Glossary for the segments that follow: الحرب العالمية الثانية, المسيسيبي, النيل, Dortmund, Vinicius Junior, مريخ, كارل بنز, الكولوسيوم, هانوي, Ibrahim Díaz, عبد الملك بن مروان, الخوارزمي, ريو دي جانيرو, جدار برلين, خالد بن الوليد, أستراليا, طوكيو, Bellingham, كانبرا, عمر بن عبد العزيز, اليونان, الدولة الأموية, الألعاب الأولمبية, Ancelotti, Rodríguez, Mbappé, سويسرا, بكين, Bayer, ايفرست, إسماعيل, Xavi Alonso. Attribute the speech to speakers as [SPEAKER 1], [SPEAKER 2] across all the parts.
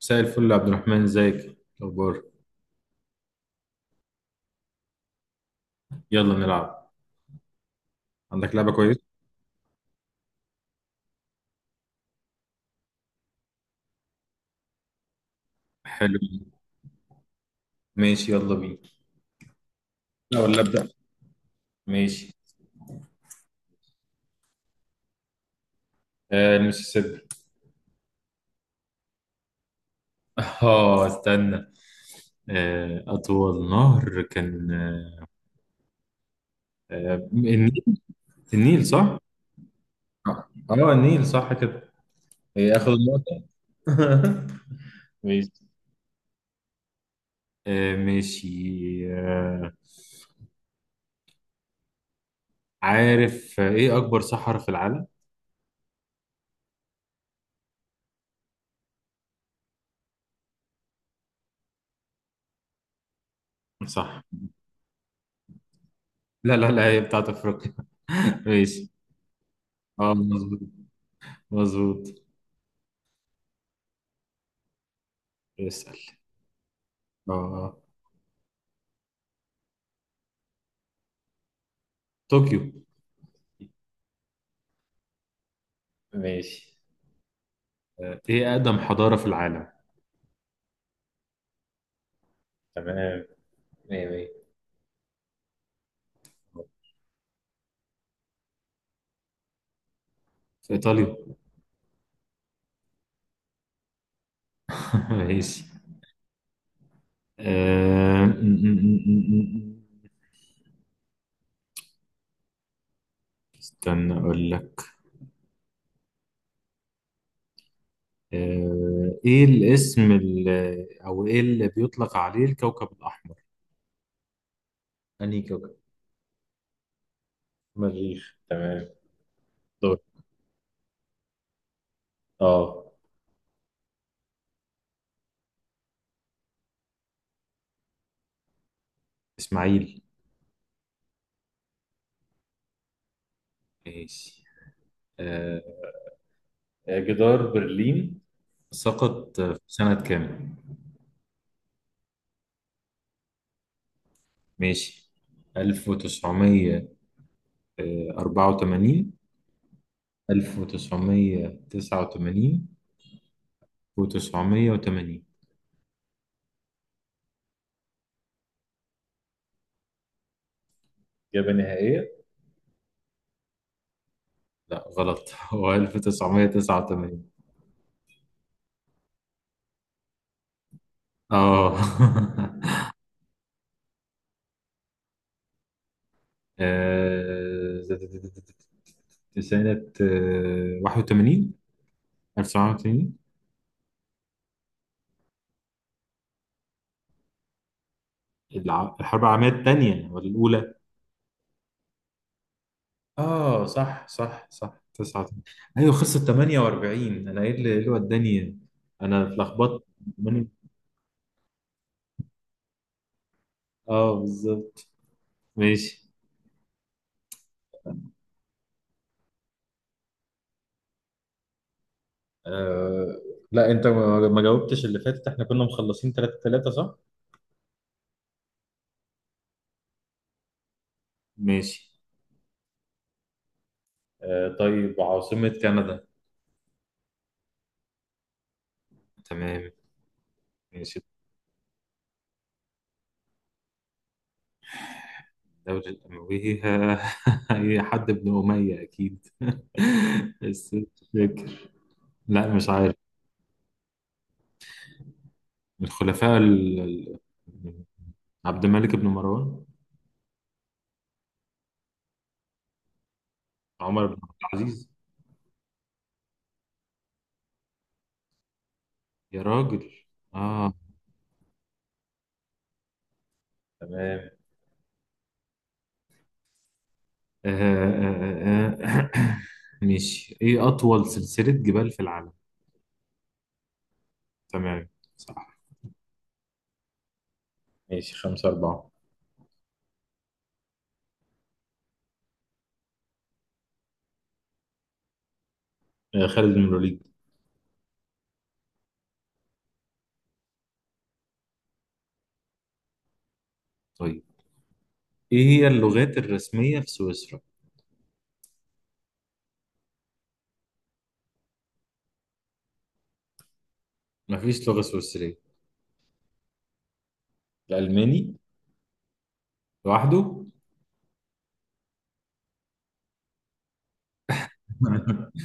[SPEAKER 1] مساء الفل يا عبد الرحمن، ازيك؟ إيه الاخبار؟ يلا نلعب. عندك لعبه كويسه؟ حلو. ماشي، يلا بينا. لا، ولا ابدا. ماشي. آه، المسيسيبي. اه، استنى. اطول نهر كان، النيل. النيل صح. اه، النيل صح كده. إيه، اخد النقطه. ماشي. ماشي. آه عارف، ايه اكبر صحراء في العالم؟ صح. لا لا لا، هي بتاعت افريقيا. ماشي. اه، مظبوط مظبوط. اسأل. اه، طوكيو. ماشي. ايه أقدم حضارة في العالم؟ تمام. مية مية. في إيطاليا. ماشي. آه، م- م- م- م- م. استنى أقول لك. إيه الاسم اللي أو إيه اللي بيطلق عليه الكوكب الأحمر؟ أنهي كوكب؟ مريخ، تمام. دور. اه، إسماعيل. ماشي. آه، جدار برلين سقط في سنة كام؟ ماشي. 1900؟ 84؟ 1989؟ و980؟ إجابة نهائية. لا غلط. هو 1989. اه. آه، سنة 81، 1981. الحرب العالمية الثانية ولا الأولى؟ اه، صح صح صح، 89. ايوه، خلصت 48. انا ايه اللي، إيه اللي وداني إيه؟ انا اتلخبطت. ثمانية- اه، بالظبط. ماشي. آه لا، انت ما جاوبتش اللي فاتت. احنا كنا مخلصين 3 3 صح؟ ماشي. طيب، عاصمة كندا. تمام. ماشي. الدولة الأموية. هي حد ابن أمية أكيد. بس مش فاكر. لا، مش عارف. من الخلفاء. عبد الملك بن مروان. عمر بن عبد العزيز. يا راجل. آه. تمام. آه، آه، آه، آه. ماشي، إيه أطول سلسلة جبال في العالم؟ تمام. ماشي، خمسة أربعة. خالد بن الوليد. طيب، إيه هي اللغات الرسمية في سويسرا؟ مفيش لغة سويسرية. الألماني لوحده.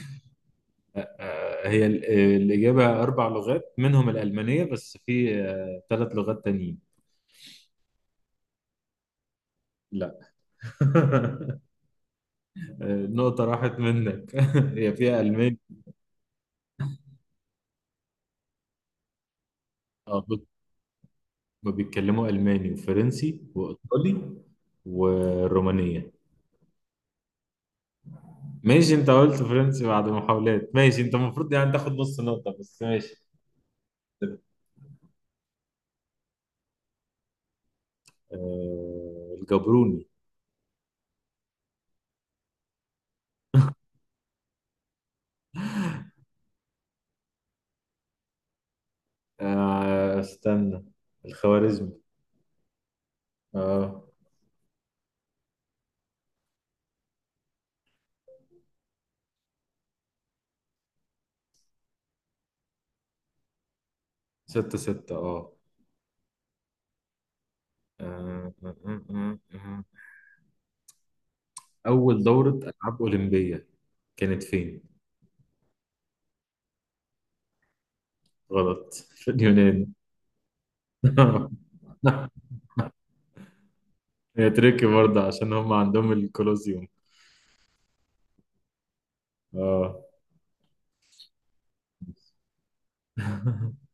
[SPEAKER 1] هي الإجابة أربع لغات، منهم الألمانية، بس في ثلاث لغات تانيين. لا. نقطة راحت منك. هي فيها ألماني. اه بت- ما بيتكلموا ألماني وفرنسي وإيطالي والرومانية. ماشي، أنت قلت فرنسي بعد محاولات. ماشي أنت المفروض يعني تاخد نص نقطة، بس ماشي. الجبروني. استنى، الخوارزمي. اه. ستة ستة. اه. آه، آه، آه، آه، آه. أول دورة ألعاب أولمبية كانت فين؟ غلط، في اليونان. هي تركي برضه عشان هم عندهم الكولوسيوم. اه.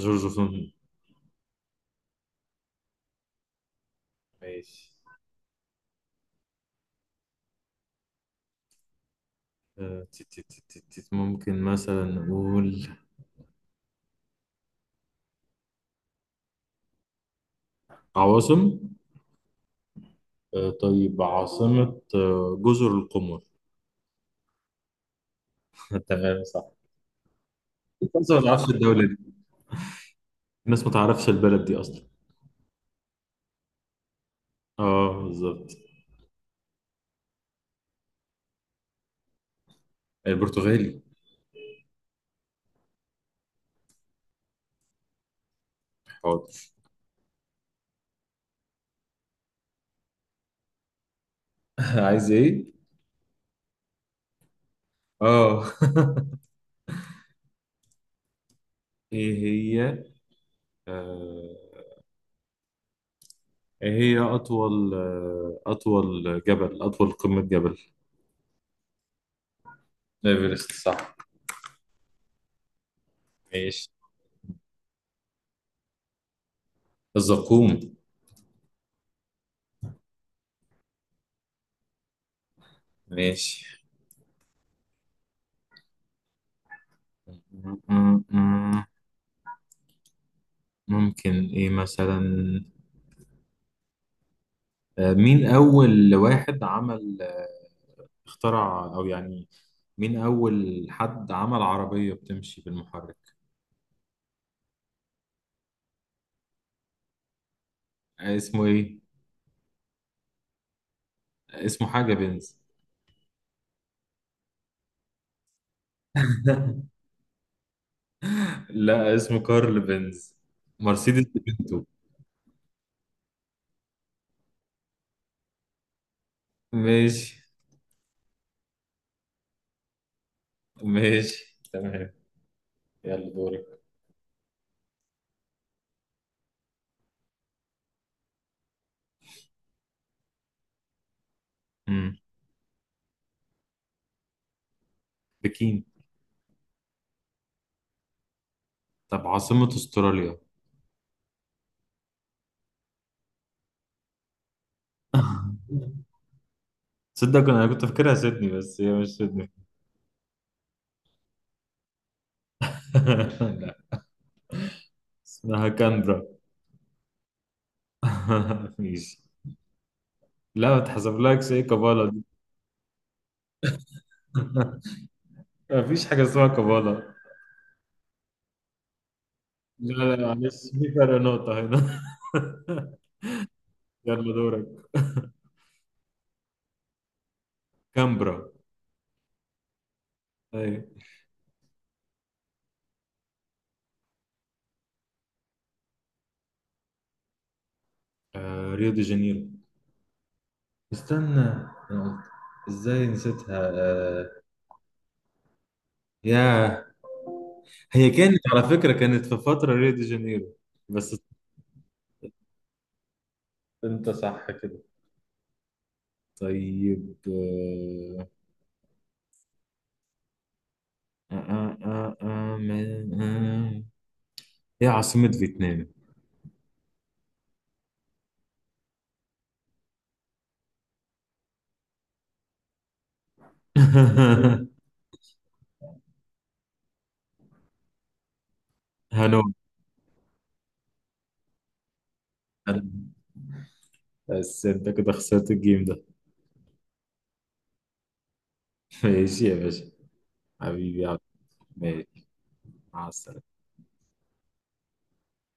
[SPEAKER 1] جورج وسوم. ماشي. ممكن مثلا نقول عواصم. طيب، عاصمة جزر القمر. تمام صح. الناس ما تعرفش الدولة دي. الناس ما تعرفش البلد دي أصلا. اه، بالظبط. البرتغالي. حاضر. عايز ايه؟ اه. ايه هي؟ آه، ايه هي أطول، أطول جبل، أطول قمة جبل؟ ايفرست، صح. ماشي. الزقوم. ماشي. م- م- م- ممكن ايه مثلا؟ مين أول واحد عمل، اخترع، أو يعني مين أول حد عمل عربية بتمشي بالمحرك؟ اسمه إيه؟ اسمه حاجة بنز. لا، اسمه كارل بنز. مرسيدس بنتو. ماشي. ماشي تمام. يلا دورك. مم. بكين. طب عاصمة أستراليا. تصدق أنا كنت فاكرها سيدني، بس هي مش سيدني. لا، اسمها كانبرا. ماشي. لا، ما تحسبلكش، ايه كبالة؟ مفيش حاجة اسمها كبالة. لا لا، معلش، في فرق نقطة هنا. يلا دورك. كامبرا. أي. آه، ريو دي جانيرو. استنى، أنا قلت، ازاي نسيتها؟ آه يا. هي كانت على فكرة، كانت في فترة ريو دي جانيرو. بس. انت صح كده. طيب. آه آه آه آه آه. ايه عاصمة فيتنام؟ هانوي. بس انت كده خسرت الجيم ده. ماشي يا باشا. حبيبي يا عبد. ماشي. مع السلامة.